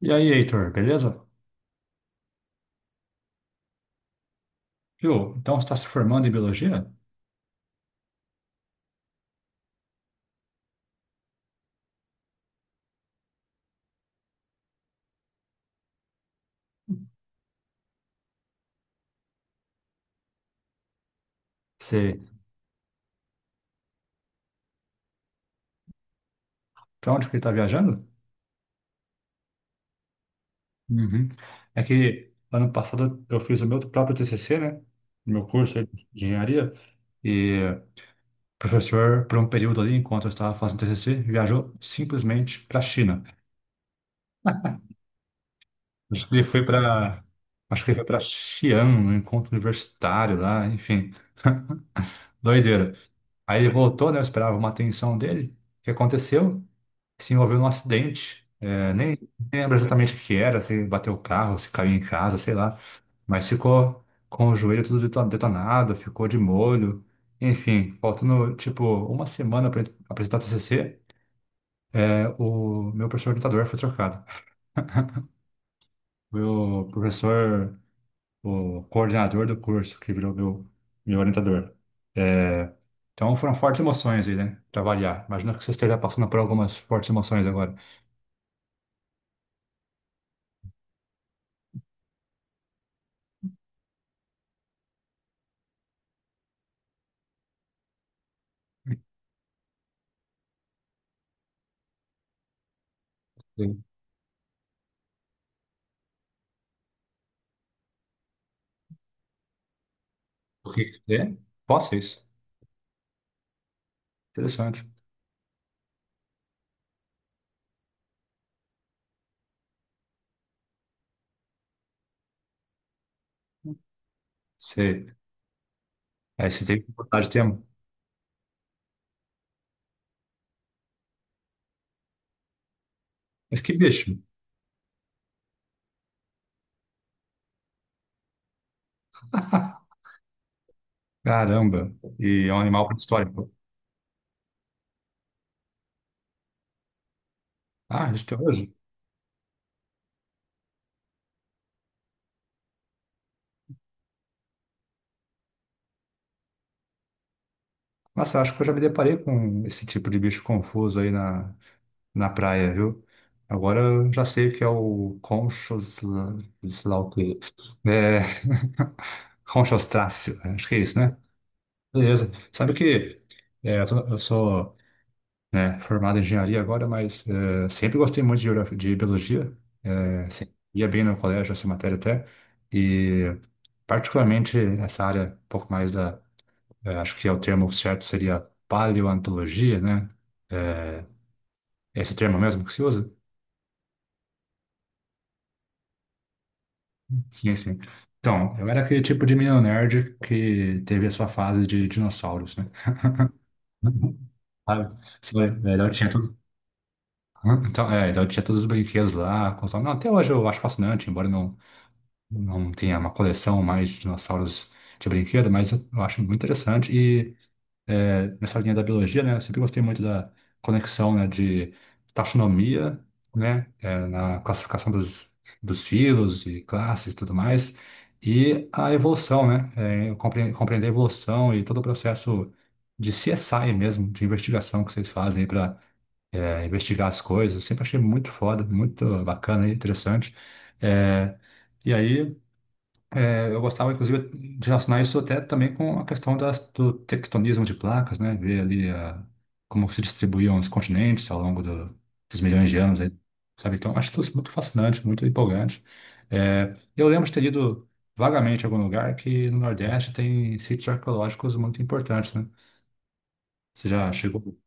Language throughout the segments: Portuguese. E aí, Heitor, beleza? Viu? Então você está se formando em biologia? Você, para onde que ele está viajando? Uhum. É que ano passado eu fiz o meu próprio TCC, né? No meu curso aí de engenharia. E o professor, por um período ali, enquanto eu estava fazendo TCC, viajou simplesmente para a China. Acho que ele foi para, acho que ele foi para Xi'an, um encontro universitário lá, enfim, doideira. Aí ele voltou, né? Eu esperava uma atenção dele. O que aconteceu? Se envolveu num acidente. Nem lembro exatamente o que era, se bateu o carro, se caiu em casa, sei lá. Mas ficou com o joelho tudo detonado, ficou de molho. Enfim, faltando tipo uma semana para apresentar o TCC, o meu professor orientador foi trocado. Meu professor, o coordenador do curso, que virou meu orientador. É, então foram fortes emoções aí, né? Pra variar. Imagino que você esteja passando por algumas fortes emoções agora. Sim. O que que você? Posso isso? Interessante. Sei. Aí você tem que botar de tema. Mas que bicho. Caramba. E é um animal pré-histórico. Ah, isso tem hoje? Nossa, acho que eu já me deparei com esse tipo de bicho confuso na praia, viu? Agora eu já sei o que é o conchos... sei lá o quê. É... Conchostráceo. Acho que é isso, né? Beleza. Sabe que eu sou né, formado em engenharia agora, mas sempre gostei muito de geografia, de biologia, sempre ia bem no colégio essa matéria até, e particularmente essa área, um pouco mais da, eh, acho que é o termo certo seria paleontologia, né, eh, esse termo mesmo que se usa? Sim, sim. Então, eu era aquele tipo de menino nerd que teve a sua fase de dinossauros, né? Sabe? Então, eu tinha tudo. Hã? Então eu tinha todos os brinquedos lá. Não, até hoje eu acho fascinante, embora não, não tinha uma coleção mais de dinossauros de brinquedo, mas eu acho muito interessante. Nessa linha da biologia, né, eu sempre gostei muito da conexão, de taxonomia, na classificação dos filos e classes e tudo mais, e a evolução, eu compreender a evolução e todo o processo de CSI mesmo, de investigação que vocês fazem para investigar as coisas. Eu sempre achei muito foda, muito bacana e interessante. É, e aí eu gostava, inclusive, de relacionar isso até também com a questão do tectonismo de placas, né? Como se distribuíam os continentes ao longo dos milhões de anos, aí, sabe? Então, acho isso muito fascinante, muito empolgante. Eu lembro de ter lido vagamente em algum lugar que no Nordeste tem sítios arqueológicos muito importantes, né? Você já chegou?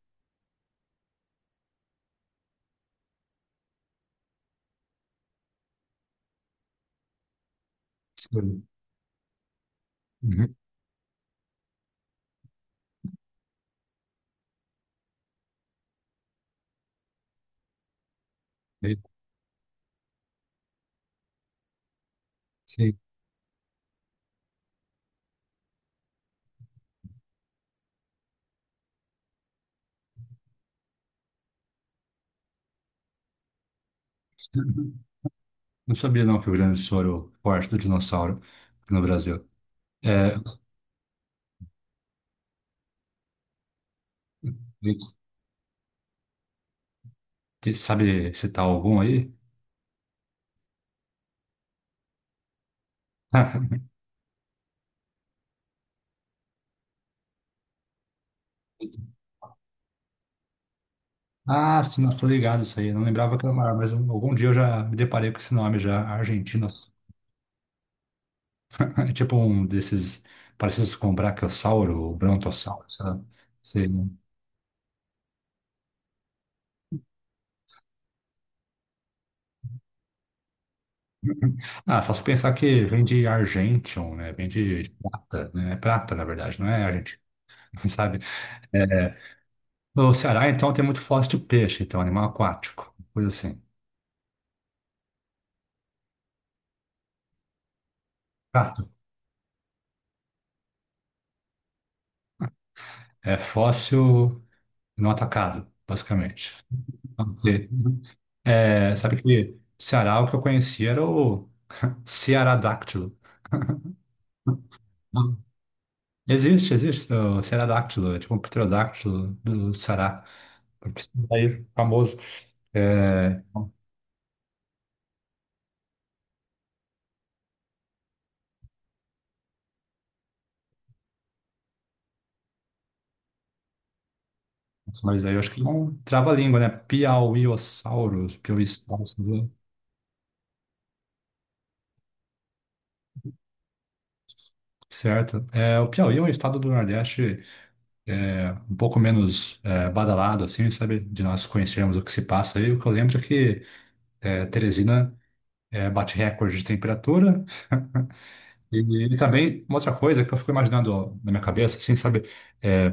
Sim. Uhum. E- Sim. Não sabia, não, que o Rio Grande do Sul era o forte do dinossauro no Brasil. É, Te- Sabe citar algum aí? Ah, sim, nossa, tô ligado isso aí. Eu não lembrava que era maior, mas algum dia eu já me deparei com esse nome já, Argentinos. É tipo um desses parecidos com Brachiosauro, Brontossauro, sei lá. Sei lá. Ah, só se pensar que vem de Argentium, né? Vem de prata, né? É prata, na verdade, não é Argentino, sabe? É, no Ceará, então, tem muito fóssil de peixe, então, animal aquático, coisa assim. Prato. É fóssil não atacado, basicamente. Ok. É, sabe que Ceará, o que eu conhecia era o Cearadáctilo. Não, existe o Cearadáctilo, é tipo um pterodáctilo do Ceará. Esse daí é famoso. É, nossa, mas aí eu acho que não trava a língua, né? Piauiossauros, Piauiossauros, né? Certo? É, o Piauí é um estado do Nordeste um pouco menos badalado, assim, sabe? De nós conhecermos o que se passa aí. O que eu lembro é que Teresina bate recorde de temperatura. E, e também, uma outra coisa que eu fico imaginando ó, na minha cabeça, assim, sabe, é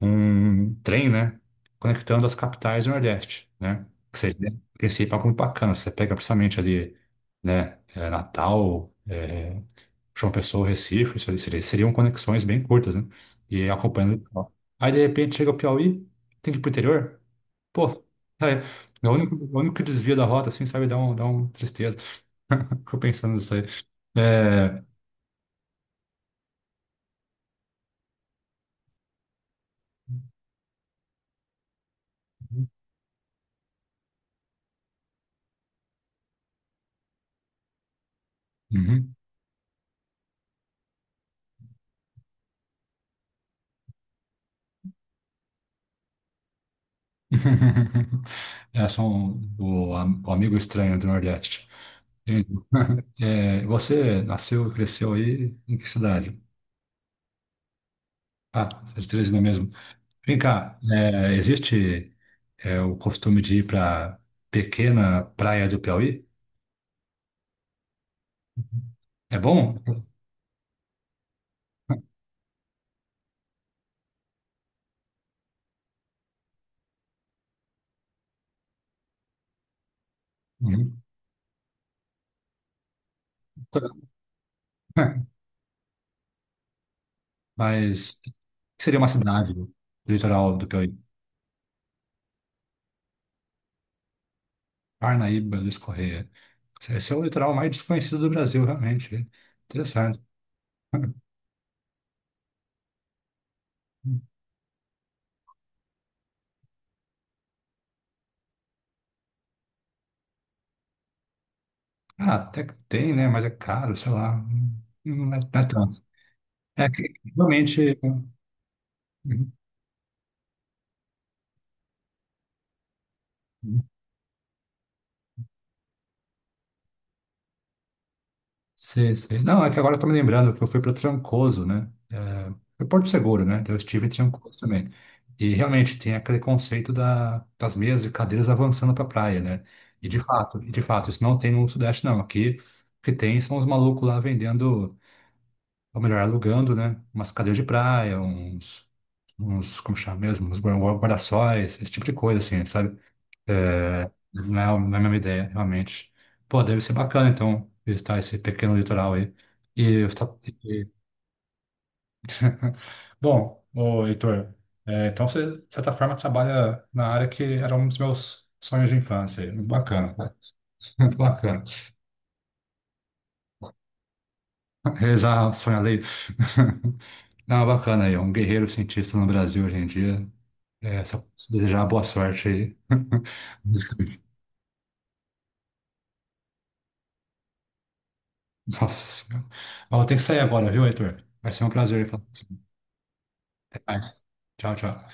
um trem, né, conectando as capitais do Nordeste, né? Ou seja, né, em princípio, é algo muito bacana. Você pega precisamente ali, Natal, João Pessoa, Recife, seriam conexões bem curtas, né? E acompanhando o litoral. Aí, de repente, chega o Piauí, tem que ir pro interior. Pô, é, é o único desvio da rota, assim, sabe, dá dá um tristeza. Fico pensando nisso aí. É, uhum. É, são o amigo estranho do Nordeste. Entendi. É, você nasceu e cresceu aí em que cidade? Ah, você é de Teresina mesmo. Vem cá, existe o costume de ir para pequena praia do Piauí? É bom? Uhum. Mas o que seria uma cidade do litoral do Piauí? Parnaíba, Luiz Correia. Esse é o litoral mais desconhecido do Brasil, realmente. Interessante. Ah, até que tem, né? Mas é caro, sei lá. Não é tanto. É que realmente. Uhum, uhum. Sei, sei. Não, é que agora eu tô me lembrando que eu fui para Trancoso, né? É, foi Porto Seguro, né? Então eu estive em Trancoso também. E realmente tem aquele conceito das mesas e cadeiras avançando para a praia, né? E de fato, isso não tem no Sudeste, não. Aqui o que tem são os malucos lá vendendo, ou melhor, alugando, né? Umas cadeiras de praia, uns. Uns, como chama mesmo? Uns guarda-sóis, esse tipo de coisa, assim, sabe? Não, não é a mesma ideia, realmente. Pô, deve ser bacana, então, visitar esse pequeno litoral aí. E, eu tá- e- bom, ô, Heitor, então você, de certa forma, trabalha na área que era um dos meus sonhos de infância. Muito bacana, tá? Muito bacana. Realizar sonhar alheio. Não, bacana aí, é um guerreiro cientista no Brasil hoje em dia. É, só preciso desejar boa sorte aí. Basicamente. Nossa Senhora. Ó, eu tenho que sair agora, viu, Heitor? Vai ser um prazer falar. Até mais. Tchau, tchau.